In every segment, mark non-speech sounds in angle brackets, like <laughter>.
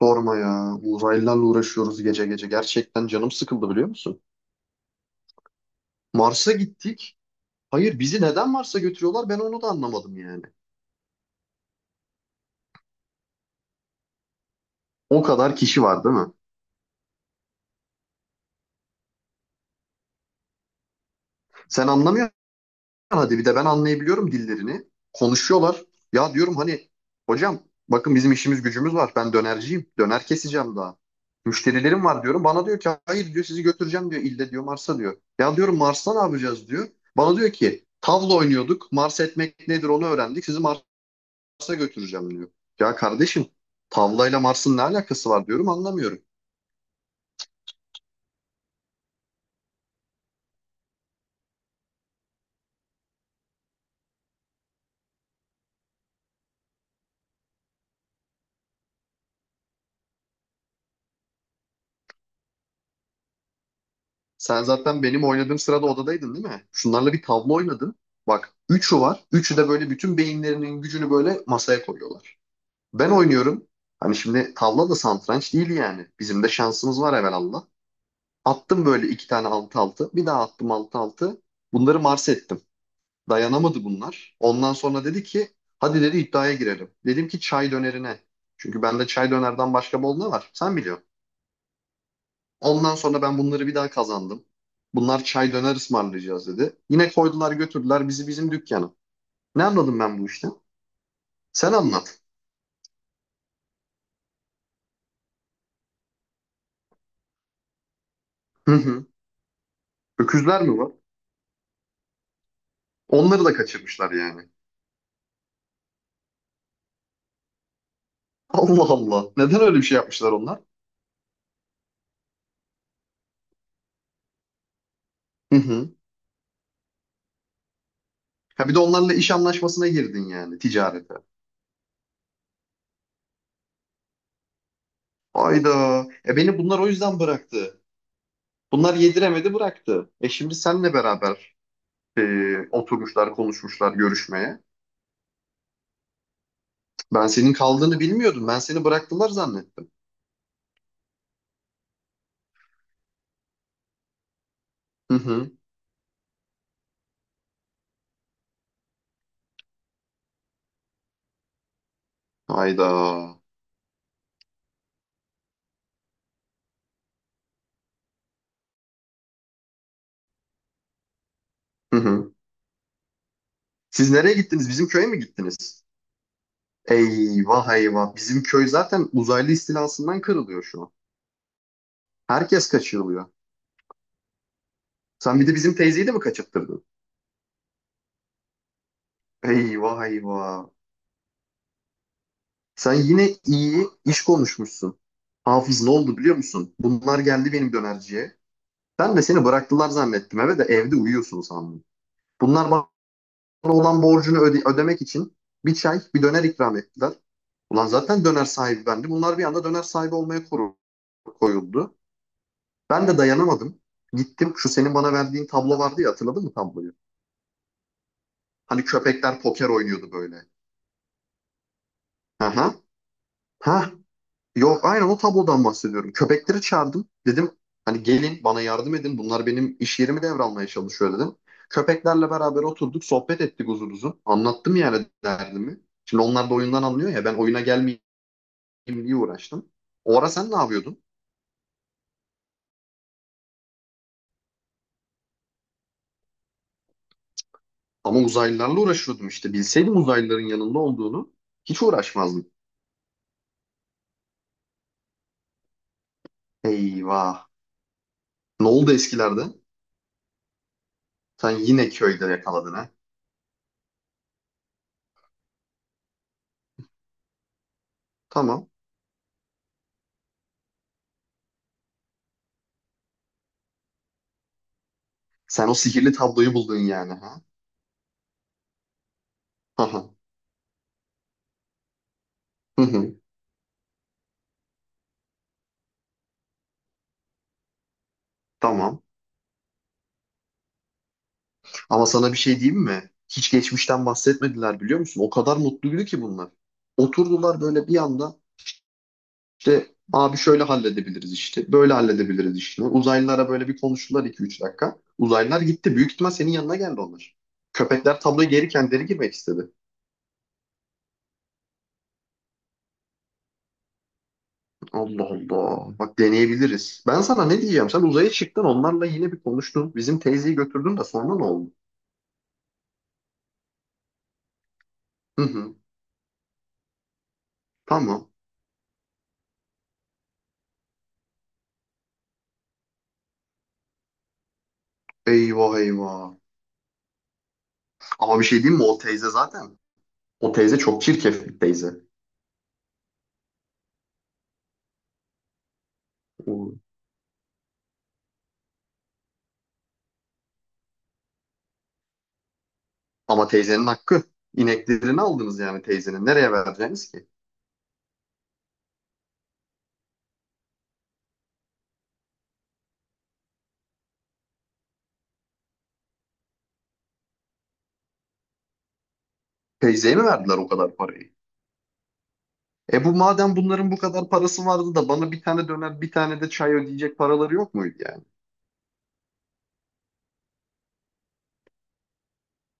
Sorma ya. Uzaylılarla uğraşıyoruz gece gece. Gerçekten canım sıkıldı biliyor musun? Mars'a gittik. Hayır bizi neden Mars'a götürüyorlar ben onu da anlamadım yani. O kadar kişi var değil mi? Sen anlamıyorsun hadi bir de ben anlayabiliyorum dillerini. Konuşuyorlar. Ya diyorum hani hocam bakın bizim işimiz gücümüz var. Ben dönerciyim. Döner keseceğim daha. Müşterilerim var diyorum. Bana diyor ki hayır diyor sizi götüreceğim diyor. İlle diyor Mars'a diyor. Ya diyorum Mars'ta ne yapacağız diyor. Bana diyor ki tavla oynuyorduk. Mars etmek nedir onu öğrendik. Sizi Mars'a götüreceğim diyor. Ya kardeşim tavlayla Mars'ın ne alakası var diyorum anlamıyorum. Sen zaten benim oynadığım sırada odadaydın değil mi? Şunlarla bir tavla oynadın. Bak üçü var. Üçü de böyle bütün beyinlerinin gücünü böyle masaya koyuyorlar. Ben oynuyorum. Hani şimdi tavla da satranç değil yani. Bizim de şansımız var evelallah. Attım böyle iki tane altı altı. Bir daha attım altı altı. Bunları Mars ettim. Dayanamadı bunlar. Ondan sonra dedi ki hadi dedi iddiaya girelim. Dedim ki çay dönerine. Çünkü bende çay dönerden başka bol ne var? Sen biliyorsun. Ondan sonra ben bunları bir daha kazandım. Bunlar çay döner ısmarlayacağız dedi. Yine koydular götürdüler bizi bizim dükkana. Ne anladım ben bu işten? Sen anlat. Hı hı. Öküzler mi var? Onları da kaçırmışlar yani. Allah Allah. Neden öyle bir şey yapmışlar onlar? Hı hı. Ha bir de onlarla iş anlaşmasına girdin yani ticarete. Hayda. E beni bunlar o yüzden bıraktı. Bunlar yediremedi bıraktı. E şimdi senle beraber e, oturmuşlar, konuşmuşlar görüşmeye. Ben senin kaldığını bilmiyordum. Ben seni bıraktılar zannettim. Hı hı. Hayda. Hı hı. Siz nereye gittiniz? Bizim köye mi gittiniz? Eyvah eyvah. Bizim köy zaten uzaylı istilasından kırılıyor şu an. Herkes kaçırılıyor. Sen bir de bizim teyzeyi de mi kaçırttırdın? Eyvah eyvah. Sen yine iyi iş konuşmuşsun. Hafız ne oldu biliyor musun? Bunlar geldi benim dönerciye. Ben de seni bıraktılar zannettim eve de evde uyuyorsun sandım. Bunlar bana olan borcunu ödemek için bir çay, bir döner ikram ettiler. Ulan zaten döner sahibi bendim. Bunlar bir anda döner sahibi olmaya koyuldu. Ben de dayanamadım. Gittim şu senin bana verdiğin tablo vardı ya hatırladın mı tabloyu? Hani köpekler poker oynuyordu böyle. Aha. Ha. Yok aynen o tablodan bahsediyorum. Köpekleri çağırdım. Dedim hani gelin bana yardım edin. Bunlar benim iş yerimi devralmaya çalışıyor dedim. Köpeklerle beraber oturduk sohbet ettik uzun uzun. Anlattım yani derdimi. Şimdi onlar da oyundan anlıyor ya ben oyuna gelmeyeyim diye uğraştım. O ara sen ne yapıyordun? Ama uzaylılarla uğraşıyordum işte. Bilseydim uzaylıların yanında olduğunu hiç uğraşmazdım. Eyvah. Ne oldu eskilerde? Sen yine köyde yakaladın ha. Tamam. Sen o sihirli tabloyu buldun yani ha. <laughs> Hı hı. Tamam. Ama sana bir şey diyeyim mi? Hiç geçmişten bahsetmediler biliyor musun? O kadar mutluydu ki bunlar. Oturdular böyle bir anda işte abi şöyle halledebiliriz işte. Böyle halledebiliriz işte. Uzaylılara böyle bir konuştular iki üç dakika. Uzaylılar gitti. Büyük ihtimal senin yanına geldi onlar. Köpekler tabloya geri kendileri girmek istedi. Allah Allah. Bak deneyebiliriz. Ben sana ne diyeceğim? Sen uzaya çıktın onlarla yine bir konuştun. Bizim teyzeyi götürdün de sonra ne oldu? Hı hı. Tamam. Eyvah eyvah. Ama bir şey diyeyim mi? O teyze çok çirkef bir teyze. O- Ama teyzenin hakkı. İneklerini aldınız yani teyzenin. Nereye vereceğiniz ki? Teyzeye mi verdiler o kadar parayı? E bu madem bunların bu kadar parası vardı da bana bir tane döner bir tane de çay ödeyecek paraları yok muydu yani?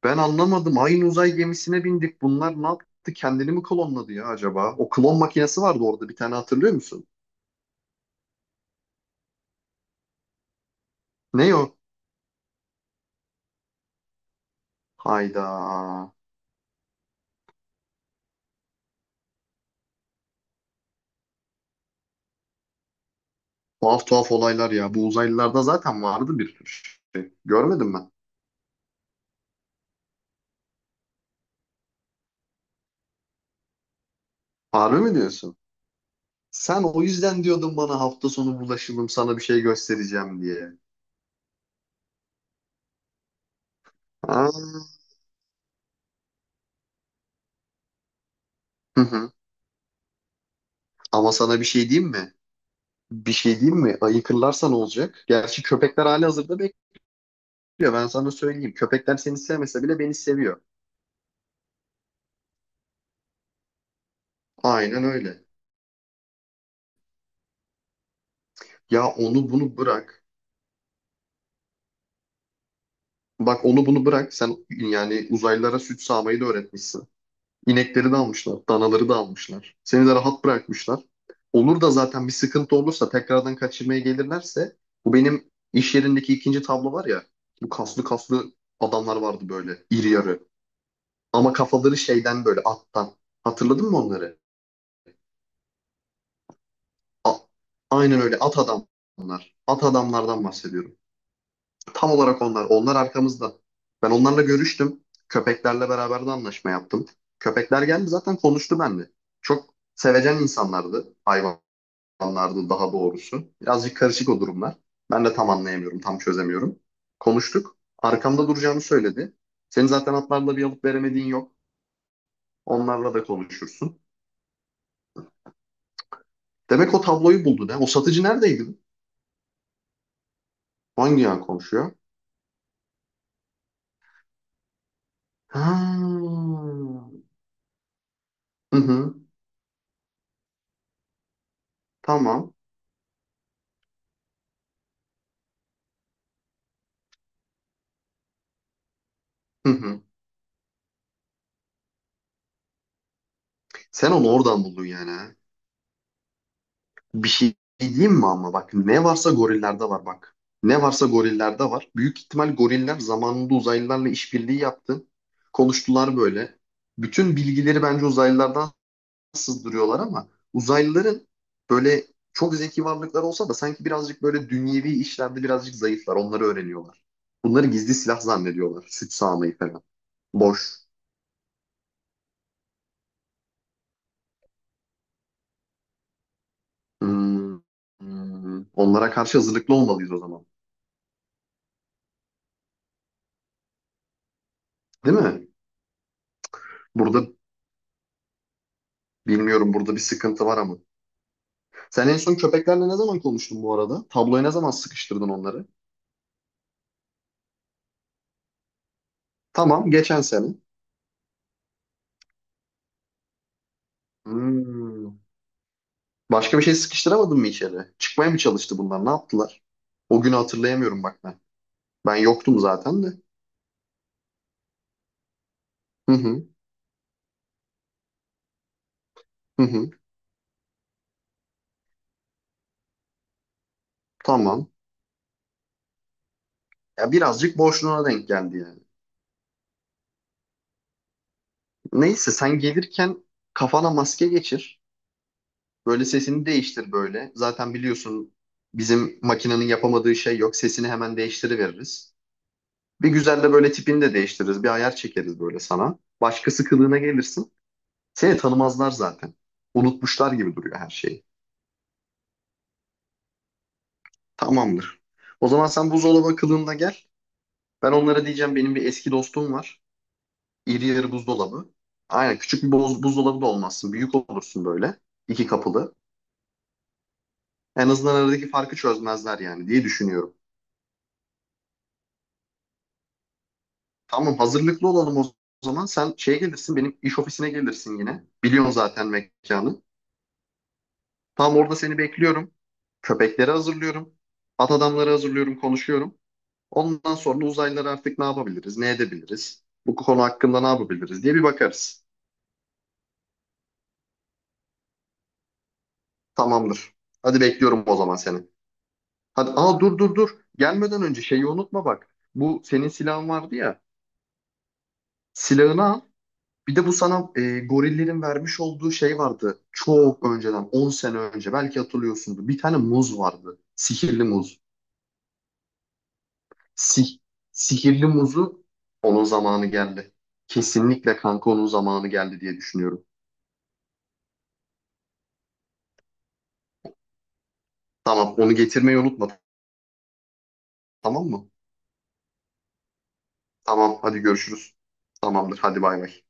Ben anlamadım. Aynı uzay gemisine bindik. Bunlar ne yaptı? Kendini mi klonladı ya acaba? O klon makinesi vardı orada bir tane hatırlıyor musun? Ne o? Hayda. Tuhaf tuhaf olaylar ya. Bu uzaylılarda zaten vardı bir tür. Görmedim ben. Harbi mi diyorsun? Sen o yüzden diyordun bana hafta sonu bulaşalım sana bir şey göstereceğim diye. Aa. Hı hı. Ama sana bir şey diyeyim mi? Bir şey diyeyim mi? Ayıkırlarsa ne olacak? Gerçi köpekler hali hazırda bekliyor. Ben sana söyleyeyim. Köpekler seni sevmese bile beni seviyor. Aynen öyle. Ya onu bunu bırak. Bak onu bunu bırak. Sen yani uzaylılara süt sağmayı da öğretmişsin. İnekleri de almışlar, danaları da almışlar. Seni de rahat bırakmışlar. Olur da zaten bir sıkıntı olursa tekrardan kaçırmaya gelirlerse bu benim iş yerindeki ikinci tablo var ya bu kaslı kaslı adamlar vardı böyle iri yarı. Ama kafaları şeyden böyle attan. Hatırladın mı onları? A- Aynen öyle at adamlar. At adamlardan bahsediyorum. Tam olarak onlar. Onlar arkamızda. Ben onlarla görüştüm. Köpeklerle beraber de anlaşma yaptım. Köpekler geldi zaten konuştu benimle. Çok sevecen insanlardı hayvan anlardı daha doğrusu. Birazcık karışık o durumlar. Ben de tam anlayamıyorum, tam çözemiyorum. Konuştuk. Arkamda duracağını söyledi. Senin zaten atlarla bir alıp veremediğin yok. Onlarla da konuşursun. Demek o tabloyu buldu ne? O satıcı neredeydi? Hangi yan konuşuyor? Ha. Hı hı. Tamam. Hı hı. Sen onu oradan buldun yani ha. Bir şey diyeyim mi ama bak ne varsa gorillerde var bak. Ne varsa gorillerde var. Büyük ihtimal goriller zamanında uzaylılarla işbirliği yaptı. Konuştular böyle. Bütün bilgileri bence uzaylılardan sızdırıyorlar ama uzaylıların böyle çok zeki varlıklar olsa da sanki birazcık böyle dünyevi işlerde birazcık zayıflar. Onları öğreniyorlar. Bunları gizli silah zannediyorlar. Süt sağmayı falan. Boş. Hmm, hmm. Onlara karşı hazırlıklı olmalıyız o zaman. Değil mi? Burada Bilmiyorum burada bir sıkıntı var ama. Sen en son köpeklerle ne zaman konuştun bu arada? Tabloya ne zaman sıkıştırdın onları? Tamam, geçen sene. Hmm. Başka bir şey sıkıştıramadın mı içeri? Çıkmaya mı çalıştı bunlar? Ne yaptılar? O günü hatırlayamıyorum bak ben. Ben yoktum zaten de. Hı hı, hı hı. Tamam. Ya birazcık boşluğuna denk geldi yani. Neyse sen gelirken kafana maske geçir. Böyle sesini değiştir böyle. Zaten biliyorsun bizim makinenin yapamadığı şey yok. Sesini hemen değiştiriveririz. Bir güzel de böyle tipini de değiştiririz. Bir ayar çekeriz böyle sana. Başkası kılığına gelirsin. Seni tanımazlar zaten. Unutmuşlar gibi duruyor her şeyi. Tamamdır. O zaman sen buzdolabı kılığında gel. Ben onlara diyeceğim benim bir eski dostum var. İri yarı buzdolabı. Aynen küçük bir buzdolabı da olmazsın. Büyük olursun böyle. İki kapılı. En azından aradaki farkı çözmezler yani diye düşünüyorum. Tamam hazırlıklı olalım o zaman. Sen şeye gelirsin benim iş ofisine gelirsin yine. Biliyorsun zaten mekanı. Tam orada seni bekliyorum. Köpekleri hazırlıyorum. At adamları hazırlıyorum, konuşuyorum. Ondan sonra uzaylıları artık ne yapabiliriz, ne edebiliriz? Bu konu hakkında ne yapabiliriz diye bir bakarız. Tamamdır. Hadi bekliyorum o zaman seni. Hadi, aa dur dur dur. Gelmeden önce şeyi unutma bak. Bu senin silahın vardı ya. Silahını al. Bir de bu sana gorillerin vermiş olduğu şey vardı. Çok önceden, 10 sene önce belki hatırlıyorsundur. Bir tane muz vardı. Sihirli muz. Si sihirli muzu onun zamanı geldi. Kesinlikle kanka onun zamanı geldi diye düşünüyorum. Tamam onu getirmeyi unutma tamam mı? Tamam hadi görüşürüz. Tamamdır hadi bay bay.